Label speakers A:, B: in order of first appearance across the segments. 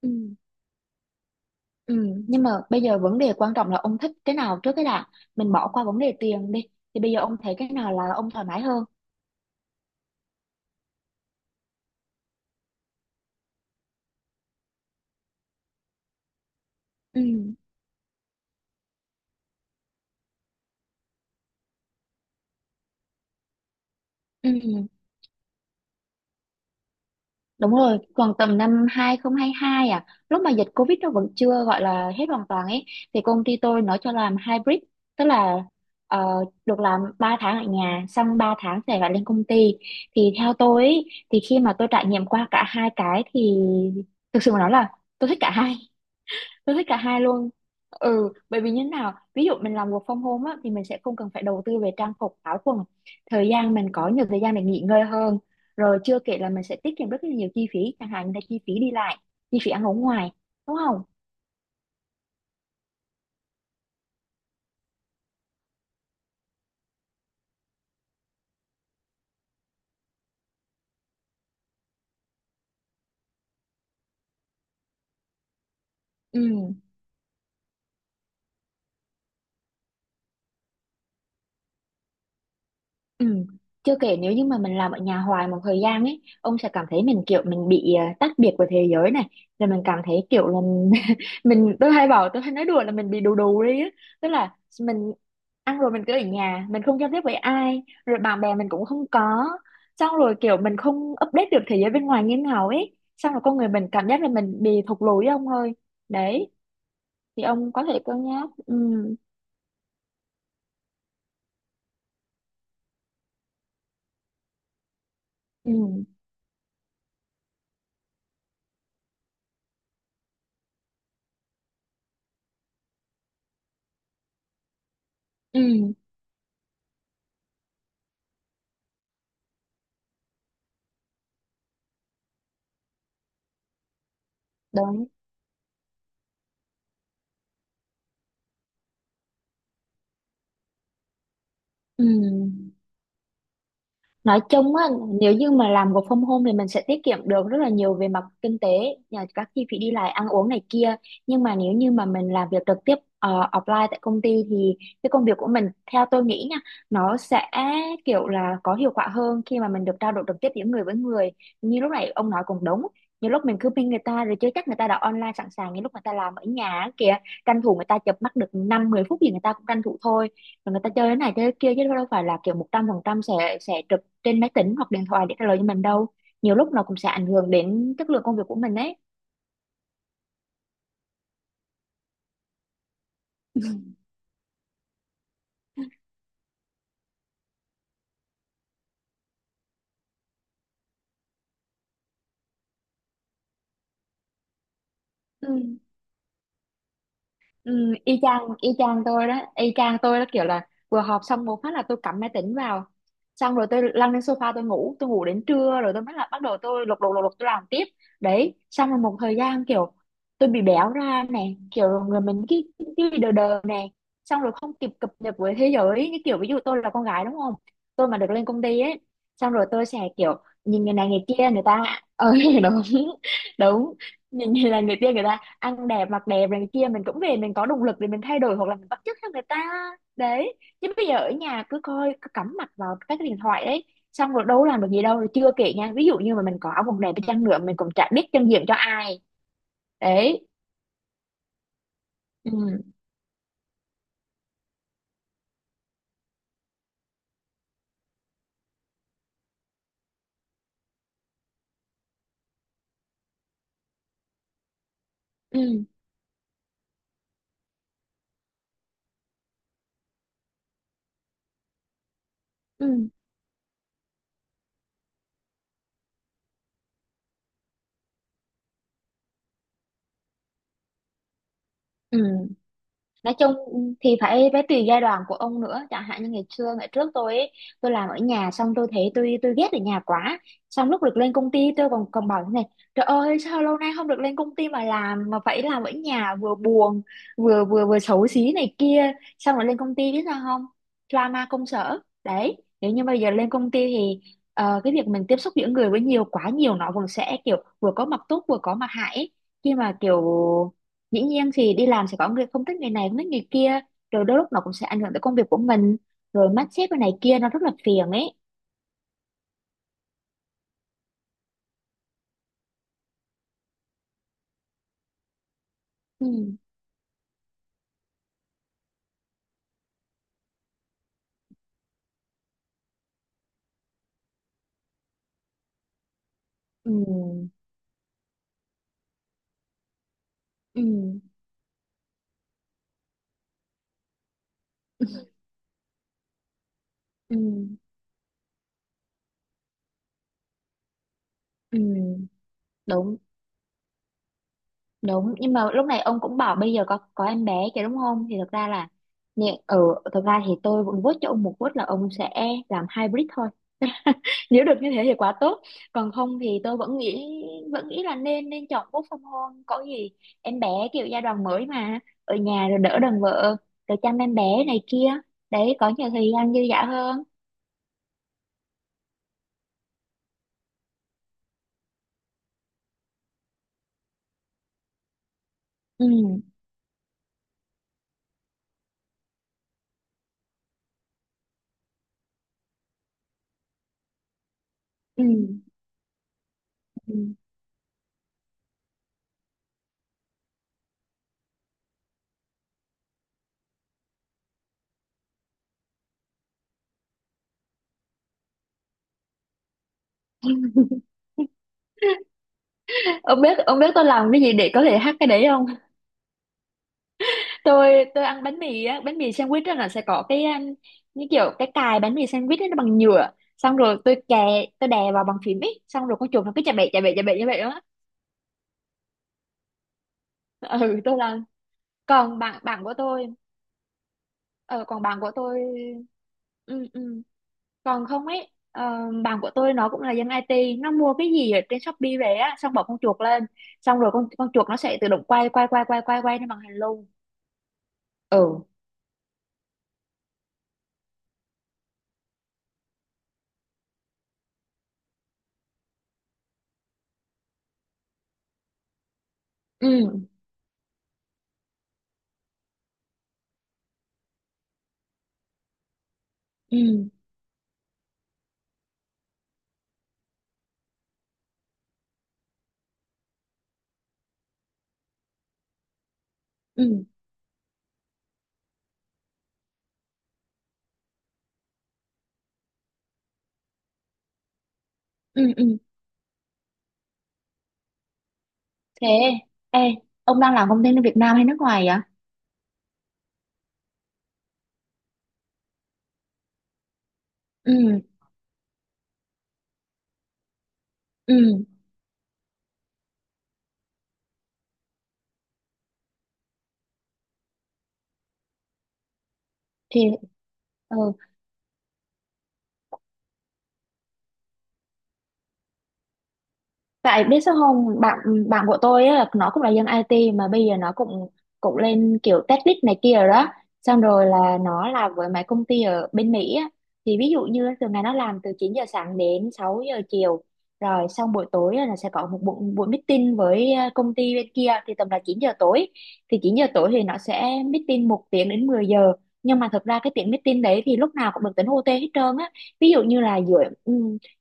A: Ừ. Ừ. Nhưng mà bây giờ vấn đề quan trọng là ông thích cái nào trước cái đã, mình bỏ qua vấn đề tiền đi, thì bây giờ ông thấy cái nào là ông thoải mái hơn? Ừ. Ừ. Đúng rồi, còn tầm năm 2022 à, lúc mà dịch Covid nó vẫn chưa gọi là hết hoàn toàn ấy thì công ty tôi nó cho làm hybrid, tức là ờ, được làm 3 tháng ở nhà xong 3 tháng sẽ phải lên công ty. Thì theo tôi ấy, thì khi mà tôi trải nghiệm qua cả hai cái thì thực sự mà nói là tôi thích cả hai. Tôi thích cả hai luôn. Ừ, bởi vì như thế nào? Ví dụ mình làm work from home á, thì mình sẽ không cần phải đầu tư về trang phục, áo quần. Thời gian mình có nhiều thời gian để nghỉ ngơi hơn. Rồi chưa kể là mình sẽ tiết kiệm rất là nhiều chi phí, chẳng hạn như là chi phí đi lại, chi phí ăn uống ngoài, đúng không? Ừ. Ừ. Chưa kể nếu như mà mình làm ở nhà hoài một thời gian ấy, ông sẽ cảm thấy mình kiểu mình bị tách biệt với thế giới này, rồi mình cảm thấy kiểu là mình, tôi hay bảo, tôi hay nói đùa là mình bị đù đù đi á, tức là mình ăn rồi mình cứ ở nhà, mình không giao tiếp với ai, rồi bạn bè mình cũng không có, xong rồi kiểu mình không update được thế giới bên ngoài như thế nào ấy, xong rồi con người mình cảm giác là mình bị thụt lùi ấy ông ơi, đấy thì ông có thể cân nhắc, ừ, ừ, ừ, đúng, ừ. Nói chung á, nếu như mà làm work from home thì mình sẽ tiết kiệm được rất là nhiều về mặt kinh tế, nhà các chi phí đi lại, ăn uống này kia. Nhưng mà nếu như mà mình làm việc trực tiếp offline tại công ty thì cái công việc của mình, theo tôi nghĩ nha, nó sẽ kiểu là có hiệu quả hơn khi mà mình được trao đổi trực tiếp giữa người với người. Như lúc này ông nói cũng đúng. Nhiều lúc mình cứ ping người ta rồi chứ chắc người ta đã online sẵn sàng như lúc người ta làm ở nhà á kìa, tranh thủ người ta chập mắt được 5 10 phút gì người ta cũng tranh thủ thôi, rồi người ta chơi thế này chơi thế kia chứ đâu phải là kiểu một trăm phần trăm sẽ trực trên máy tính hoặc điện thoại để trả lời cho mình đâu. Nhiều lúc nó cũng sẽ ảnh hưởng đến chất lượng công việc của mình đấy. Ừ. Ừ, y chang tôi đó, y chang tôi đó, kiểu là vừa họp xong một phát là tôi cắm máy tính vào, xong rồi tôi lăn lên sofa tôi ngủ, tôi ngủ đến trưa rồi tôi mới là bắt đầu tôi lục lục lục lục tôi làm tiếp. Đấy, xong rồi một thời gian kiểu tôi bị béo ra này, kiểu người mình cái bị đờ đờ này, xong rồi không kịp cập nhật với thế giới. Như kiểu ví dụ tôi là con gái đúng không, tôi mà được lên công ty ấy, xong rồi tôi sẽ kiểu nhìn người này người kia, người ta ờ, đúng, đúng, nhìn người này người kia, người ta ăn đẹp mặc đẹp này kia, mình cũng về mình có động lực để mình thay đổi hoặc là mình bắt chước theo người ta. Đấy, chứ bây giờ ở nhà cứ coi cứ cắm mặt vào các cái điện thoại đấy, xong rồi đâu làm được gì đâu. Rồi chưa kể nha, ví dụ như mà mình có áo quần đẹp đi chăng nữa mình cũng chả biết chân diện cho ai. Đấy. Ừ, ừ, ừ, ừ, nói chung thì phải phải tùy giai đoạn của ông nữa, chẳng hạn như ngày xưa ngày trước tôi ấy, tôi làm ở nhà xong tôi thấy tôi ghét ở nhà quá, xong lúc được lên công ty tôi còn còn bảo thế này, trời ơi sao lâu nay không được lên công ty mà làm mà phải làm ở nhà, vừa buồn vừa vừa vừa xấu xí này kia, xong rồi lên công ty biết sao không, drama công sở. Đấy, nếu như bây giờ lên công ty thì cái việc mình tiếp xúc giữa người với nhiều quá nhiều nó vẫn sẽ kiểu vừa có mặt tốt vừa có mặt hại ấy. Khi mà kiểu dĩ nhiên thì đi làm sẽ có người không thích người này không thích người kia, rồi đôi lúc nó cũng sẽ ảnh hưởng tới công việc của mình, rồi mắt xếp cái này kia nó rất là phiền ấy. Ừ, ừ, ừ, ừ, ừ, đúng, đúng, nhưng mà lúc này ông cũng bảo bây giờ có em bé kìa đúng không, thì thật ra là ở ừ, thực ra thì tôi vẫn vote cho ông một vote là ông sẽ làm hybrid thôi, nếu được như thế thì quá tốt, còn không thì tôi vẫn nghĩ, vẫn nghĩ là nên nên chọn work from home. Có gì em bé kiểu giai đoạn mới mà, ở nhà rồi đỡ đần vợ, rồi chăm em bé này kia, đấy, có nhiều thời gian dư dả hơn. Ừ, ừ, ừ. Ông biết ông biết tôi làm cái gì để có thể hack cái đấy không? Tôi ăn bánh mì á, bánh mì sandwich á, là sẽ có cái như kiểu cái cài bánh mì sandwich ấy, nó bằng nhựa, xong rồi tôi kè, tôi đè vào bằng phím ấy, xong rồi con chuột nó cứ chà bậy chà bậy chà bậy như vậy đó. Ừ, tôi làm. Còn bạn bạn của tôi ờ, còn bạn của tôi, ừ, ừ. Còn không ấy ờ, bạn của tôi nó cũng là dân IT, nó mua cái gì ở trên Shopee về á, xong bỏ con chuột lên, xong rồi con chuột nó sẽ tự động quay quay quay quay quay quay trên màn hình luôn. Ừ, ừ, ừ, ừ, ừ, ừ, thế, ê, ông đang làm công ty ở Việt Nam hay nước ngoài vậy? Ừ, ừ, thì, ừ. Tại biết sao không, bạn bạn của tôi á, là nó cũng là dân IT mà bây giờ nó cũng cũng lên kiểu tech lead này kia rồi đó. Xong rồi là nó làm với mấy công ty ở bên Mỹ á. Thì ví dụ như thường ngày nó làm từ 9 giờ sáng đến 6 giờ chiều. Rồi xong buổi tối á, là sẽ có một buổi, buổi meeting với công ty bên kia thì tầm là 9 giờ tối. Thì 9 giờ tối thì nó sẽ meeting một tiếng đến 10 giờ. Nhưng mà thực ra cái tiếng meeting đấy thì lúc nào cũng được tính OT hết trơn á. Ví dụ như là giữa ừ,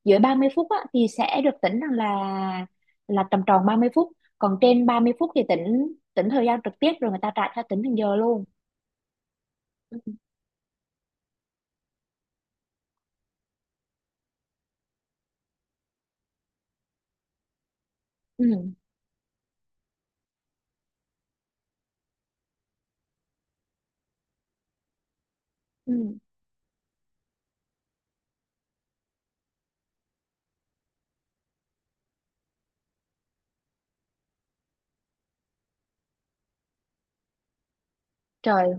A: dưới 30 phút á, thì sẽ được tính rằng là tầm tròn 30 phút, còn trên 30 phút thì tính tính thời gian trực tiếp rồi người ta trả theo tính thành giờ luôn. Ừ. Ừ. Ừ. Trời,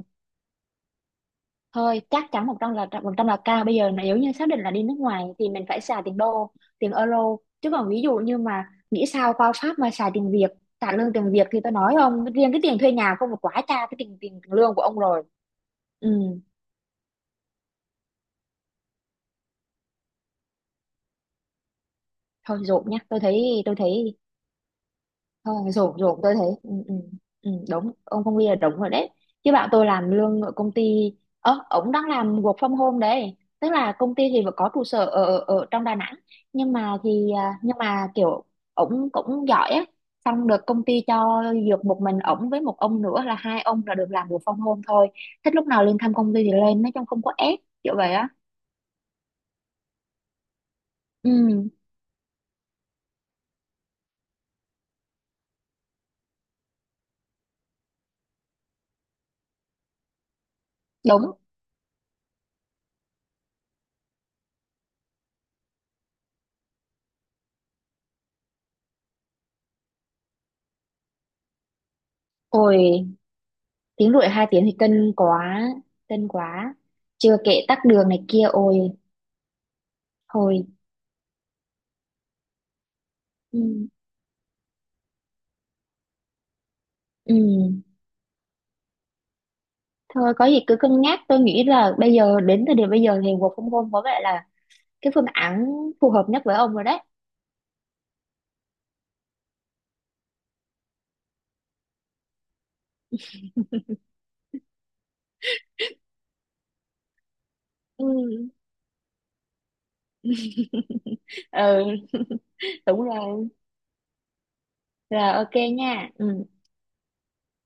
A: thôi chắc chắn một trăm là cao. Bây giờ nếu như xác định là đi nước ngoài thì mình phải xài tiền đô, tiền euro, chứ còn ví dụ như mà nghĩ sao qua Pháp mà xài tiền Việt, trả lương tiền Việt thì tôi nói không riêng cái tiền thuê nhà không là quá cha cái tiền tiền lương của ông rồi. Ừ, thôi dồn nhá, tôi thấy tôi thấy, ờ, rổ rổ tôi thấy, ừ, ừ, ừ, đúng, ông Phong Huy là đúng rồi đấy. Chứ bạn tôi làm lương ở công ty, ớ, ông đang làm work from home đấy, tức là công ty thì vẫn có trụ sở ở, ở ở trong Đà Nẵng, nhưng mà thì à, nhưng mà kiểu ông cũng giỏi á, xong được công ty cho dược một mình ổng với một ông nữa là hai ông là được làm work from home thôi, thích lúc nào lên thăm công ty thì lên, nói chung không có ép kiểu vậy á. Ừ, đúng rồi, tiếng rưỡi hai tiếng thì cân quá, cân quá, chưa kể tắc đường này kia, ôi thôi. Ừ. Ừ. Thôi có gì cứ cân nhắc, tôi nghĩ là bây giờ đến thời điểm bây giờ thì work from home có vẻ là cái phương án phù hợp nhất với ông rồi đấy. Ừ. Ừ. Đúng rồi. Rồi, ok nha. Ừ.